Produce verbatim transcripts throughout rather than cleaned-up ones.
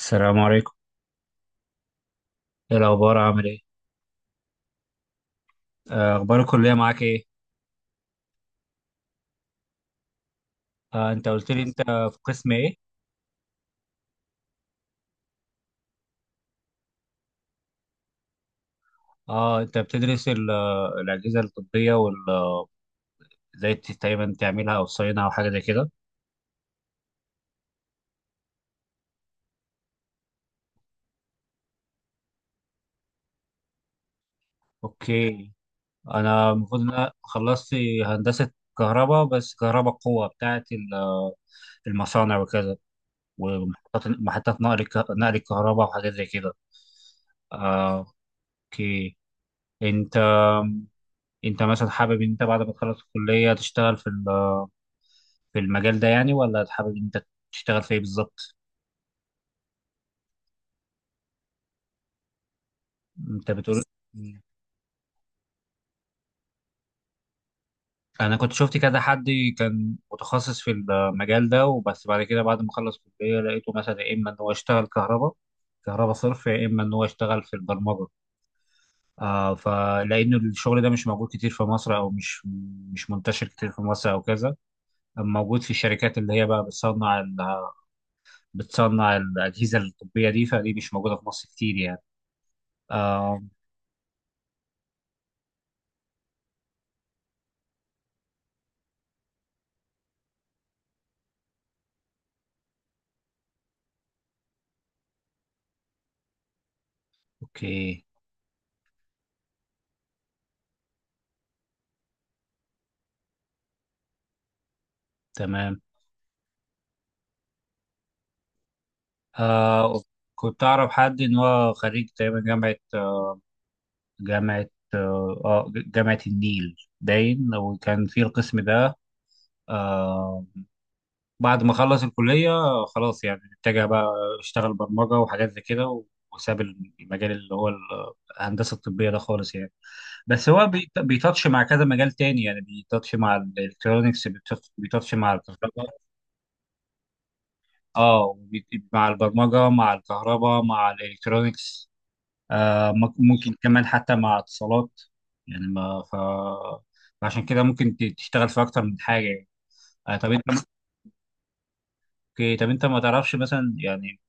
السلام عليكم. ايه الاخبار عامل ايه؟ آه، اخبار الكليه معاك ايه؟ آه، انت قلت لي انت في قسم ايه؟ اه انت بتدرس ال- الاجهزه الطبيه وال ازاي تقريبا تعملها او تصينها او حاجه زي كده. اوكي. انا المفروض ان انا خلصت هندسه كهرباء، بس كهرباء قوه بتاعت ال- المصانع وكذا، ومحطات محطات نقل الك- نقل الكهرباء وحاجات زي كده. آه، اوكي. انت انت مثلا حابب ان انت بعد ما تخلص الكليه تشتغل في في المجال ده يعني، ولا حابب انت تشتغل في ايه بالظبط؟ انت بتقول انا كنت شفت كذا حد كان متخصص في المجال ده، وبس بعد كده بعد ما خلص كلية لقيته مثلا يا اما ان هو يشتغل كهرباء، كهرباء صرف، يا اما ان هو يشتغل في البرمجة. آه فلان الشغل ده مش موجود كتير في مصر، او مش مش منتشر كتير في مصر او كذا. اما موجود في الشركات اللي هي بقى بتصنع ال- بتصنع الاجهزه الطبيه دي، فدي مش موجوده في مصر كتير يعني. آه، اوكي. تمام. آه كنت أعرف حد إن هو خريج تقريبا جامعة جامعة آه آه، جامعة النيل باين، وكان في القسم ده. آه بعد ما خلص الكلية آه، خلاص يعني اتجه بقى، اشتغل برمجة وحاجات زي كده، و- وساب المجال اللي هو ال- الهندسة الطبية ده خالص يعني. بس هو بيت- بيتاتش مع كذا مجال تاني، يعني بيتاتش مع الالكترونيكس، بيتاتش بيتاتش مع الكهرباء. اه وبي- مع البرمجة مع الكهرباء مع الالكترونيكس. آه، مك- ممكن كمان حتى مع اتصالات. يعني ما ف... فعشان كده ممكن ت- تشتغل في اكتر من حاجه يعني. آه، طب انت. اوكي، طب انت ما تعرفش مثلا يعني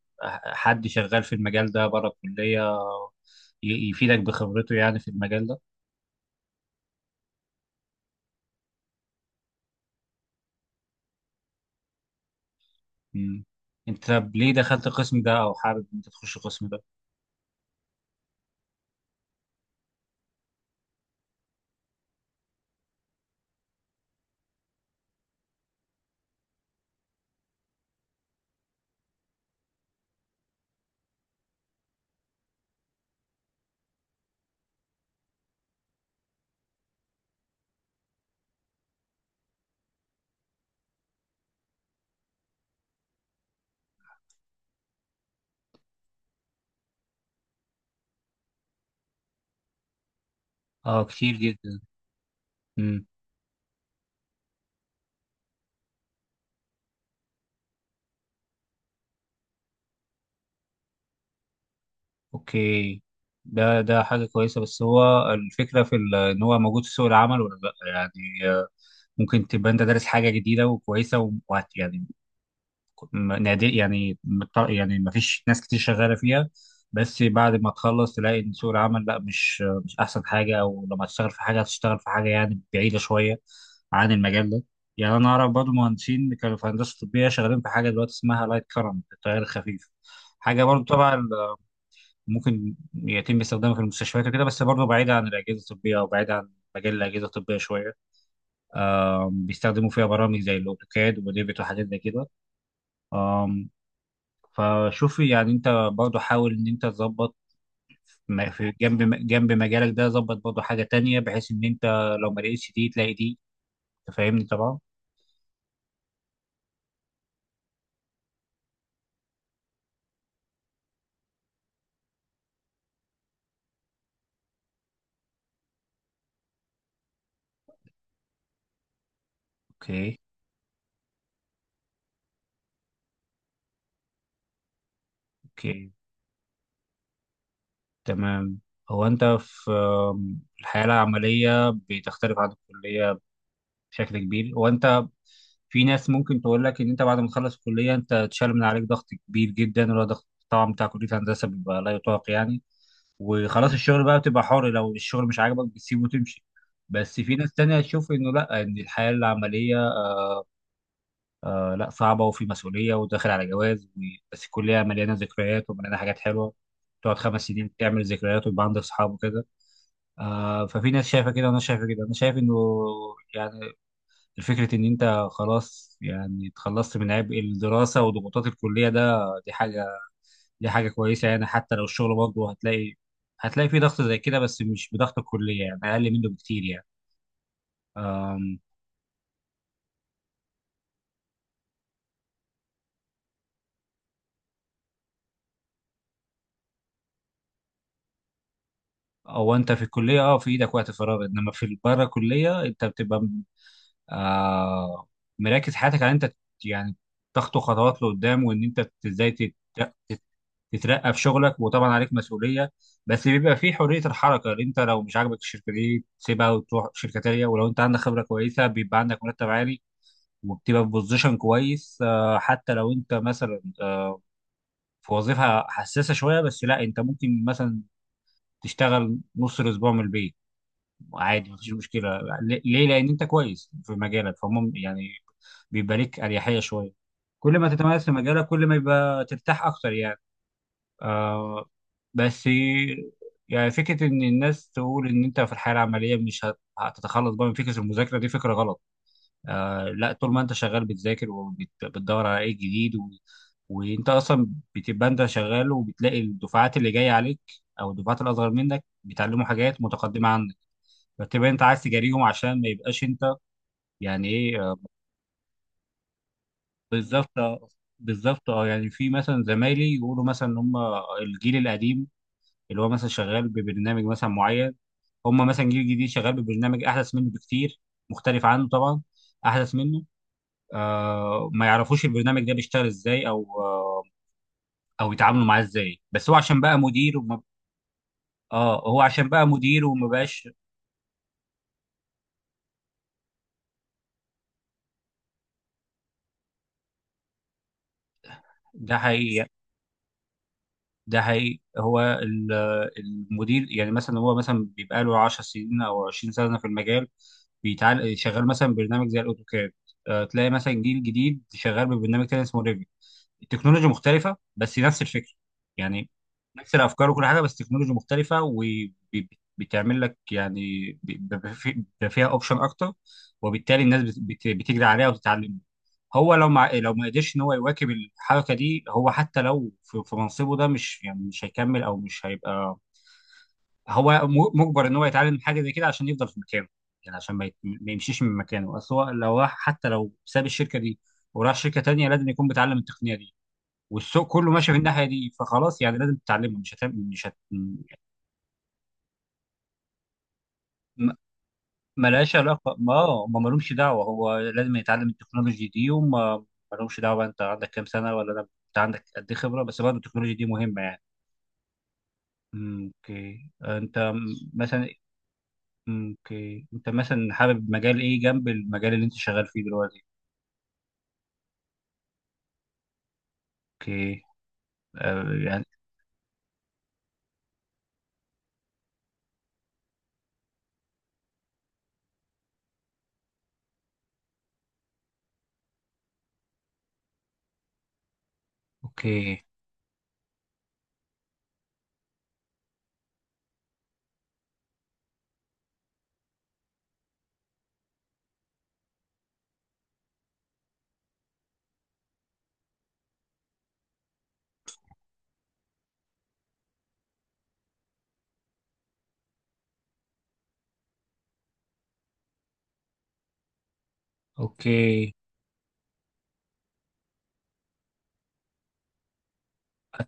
حد شغال في المجال ده بره الكليه، ي- يفيدك بخبرته يعني في المجال ده؟ مم. انت طب ليه دخلت القسم ده، او حابب انت تخش القسم ده؟ اه كتير جدا. اوكي، ده ده حاجة كويسة، بس هو الفكرة في ال- ان هو موجود في سوق العمل ولا لا يعني. آه، ممكن تبقى انت دارس حاجة جديدة وكويسة و- وهت- يعني م- نادر، يعني مت- يعني ما فيش ناس كتير شغالة فيها، بس بعد ما تخلص تلاقي ان سوق العمل لا، مش مش احسن حاجة. او لما تشتغل في حاجة هتشتغل في حاجة يعني بعيدة شوية عن المجال ده. يعني انا اعرف برضه مهندسين كانوا في هندسة طبية شغالين في حاجة دلوقتي اسمها لايت كرنت، التيار الخفيف، حاجة برضه تبع، ممكن يتم استخدامها في المستشفيات وكده، بس برضه بعيدة عن الأجهزة الطبية، أو بعيدة عن مجال الأجهزة الطبية شوية. آم، بيستخدموا فيها برامج زي الأوتوكاد وديفيد وحاجات زي كده. آم، فشوفي يعني أنت برضه حاول إن أنت تظبط م- في جنب جنب مجالك ده، ظبط برضه حاجة تانية بحيث إن أنت لو ما لقيتش دي تلاقي دي. أنت فاهمني طبعا. أوكي. أوكي، تمام. هو أنت في آم، الحياة العملية بتختلف عن الكلية بشكل كبير. وانت في ناس ممكن تقول لك ان انت بعد ما تخلص الكليه انت اتشال من عليك ضغط كبير جدا، اللي هو ضغط طبعا بتاع كليه هندسه بيبقى لا يطاق يعني. وخلاص الشغل بقى بتبقى حر، لو الشغل مش عاجبك بتسيبه وتمشي. بس في ناس تانية تشوف انه لا، ان الحياه العمليه آه لا صعبه، وفي مسؤوليه، وداخل على جواز و- بس الكليه مليانه ذكريات ومليانه حاجات حلوه، تقعد خمس سنين تعمل ذكريات ويبقى عندك صحاب وكده. آه ففي ناس شايفه كده، وانا شايفه كده، انا شايف انه يعني فكرة إن أنت خلاص يعني اتخلصت من عبء الدراسة وضغوطات الكلية ده، دي حاجة دي حاجة كويسة. يعني حتى لو الشغل برضه هتلاقي هتلاقي فيه ضغط زي كده، بس مش بضغط الكلية، يعني أقل منه بكتير يعني. أم، أو أنت في الكلية أه في إيدك وقت فراغ، إنما في بره الكلية أنت بتبقى آه، مركز حياتك على إن انت يعني تخطو خطوات لقدام، وان انت ت- ازاي تت- تت- تترقى في شغلك، وطبعا عليك مسؤوليه، بس بيبقى في حريه الحركه، اللي انت لو مش عاجبك الشركه دي تسيبها وتروح شركه تانيه، ولو انت عندك خبره كويسه بيبقى عندك مرتب عالي، وبتبقى في بوزيشن كويس. آه، حتى لو انت مثلا آه، في وظيفه حساسه شويه، بس لا انت ممكن مثلا تشتغل نص الاسبوع من البيت عادي، مفيش مشكله. ل- ليه؟ لان انت كويس في مجالك، فمم يعني بيبقى ليك اريحيه شويه. كل ما تتميز في مجالك كل ما يبقى ترتاح اكتر يعني. آه بس يعني فكره ان الناس تقول ان انت في الحياه العمليه مش هت- هتتخلص بقى من فكره المذاكره، دي فكره غلط. آه لا، طول ما انت شغال بتذاكر وبتدور على ايه جديد و... وانت اصلا بتبقى انت شغال وبتلاقي الدفعات اللي جايه عليك، او الدفعات الاصغر منك بيتعلموا حاجات متقدمه عنك، فتبقى انت عايز تجاريهم عشان ما يبقاش انت يعني ايه آه، بالظبط. بالظبط. اه يعني في مثلا زمايلي يقولوا مثلا ان هم الجيل القديم، اللي هو مثلا شغال ببرنامج مثلا معين، هم مثلا جيل جديد شغال ببرنامج احدث منه بكتير، مختلف عنه طبعا، احدث منه، آه ما يعرفوش البرنامج ده بيشتغل ازاي او آه او يتعاملوا معاه ازاي، بس هو عشان بقى مدير وما، اه هو عشان بقى مدير وما بقاش. ده حقيقي ده حقيقي هو ال- المدير يعني مثلا هو مثلا بيبقى له عشر سنين او عشرين سنه في المجال، بيتعال شغال مثلا برنامج زي الاوتوكاد، آه، تلاقي مثلا جيل جديد شغال ببرنامج تاني اسمه ريفي. التكنولوجيا مختلفه، بس نفس الفكره يعني، نفس الافكار وكل حاجه، بس تكنولوجيا مختلفه، وبتعمل لك يعني ب- ب- ب- في- بيبقى فيها اوبشن اكتر، وبالتالي الناس بت- بت- بتجري عليها وتتعلم. هو لو مع لو ما قدرش ان هو يواكب الحركه دي، هو حتى لو في, في منصبه ده مش يعني مش هيكمل او مش هيبقى، هو م- مجبر ان هو يتعلم حاجه زي كده عشان يفضل في مكانه، يعني عشان ما, يت- ما يمشيش من مكانه. اصل هو لو راح، حتى لو ساب الشركه دي وراح شركه تانيه، لازم يكون بيتعلم التقنيه دي، والسوق كله ماشي في الناحيه دي، فخلاص يعني لازم تتعلمه، مش هتعمل مش هت... ملهاش علاقة. ما ما مالهمش دعوة، هو لازم يتعلم التكنولوجي دي، وما مالهمش دعوة بقى أنت عندك كام سنة ولا أنا، أنت عندك قد إيه خبرة، بس برضه التكنولوجي دي مهمة يعني. أمم، أوكي. آه، أنت م- مثلا، أمم، أوكي، أنت مثلا حابب مجال إيه جنب المجال اللي أنت شغال فيه دلوقتي؟ أوكي. آه، يعني، أوكي. أوكي،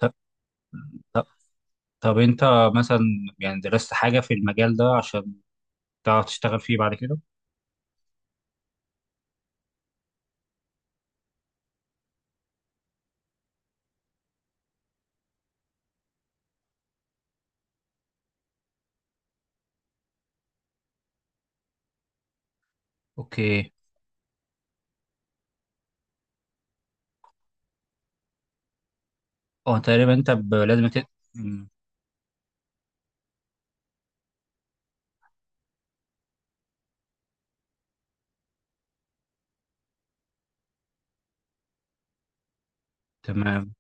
طب طب طب أنت مثلا يعني درست حاجة في المجال ده عشان تعرف تشتغل فيه بعد كده؟ أوكي. أه تقريبا أنت ب- لازم تت... أمم، تمام.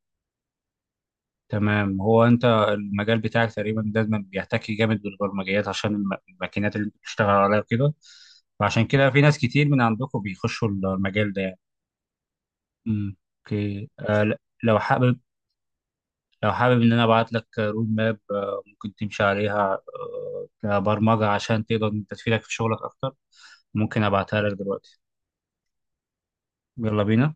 تمام، هو انت المجال بتاعك تقريبا لازم بيحتكي جامد بالبرمجيات عشان الم- الماكينات اللي انت بتشتغل عليها وكده، فعشان كده في ناس كتير من عندكم بيخشوا المجال ده يعني. امم، اوكي. آه ل- لو حابب لو حابب ان انا ابعت لك رود ماب، آه ممكن تمشي عليها، آه كبرمجة عشان تقدر إن أنت تفيدك في شغلك اكتر. ممكن ابعتها لك دلوقتي؟ يلا بينا.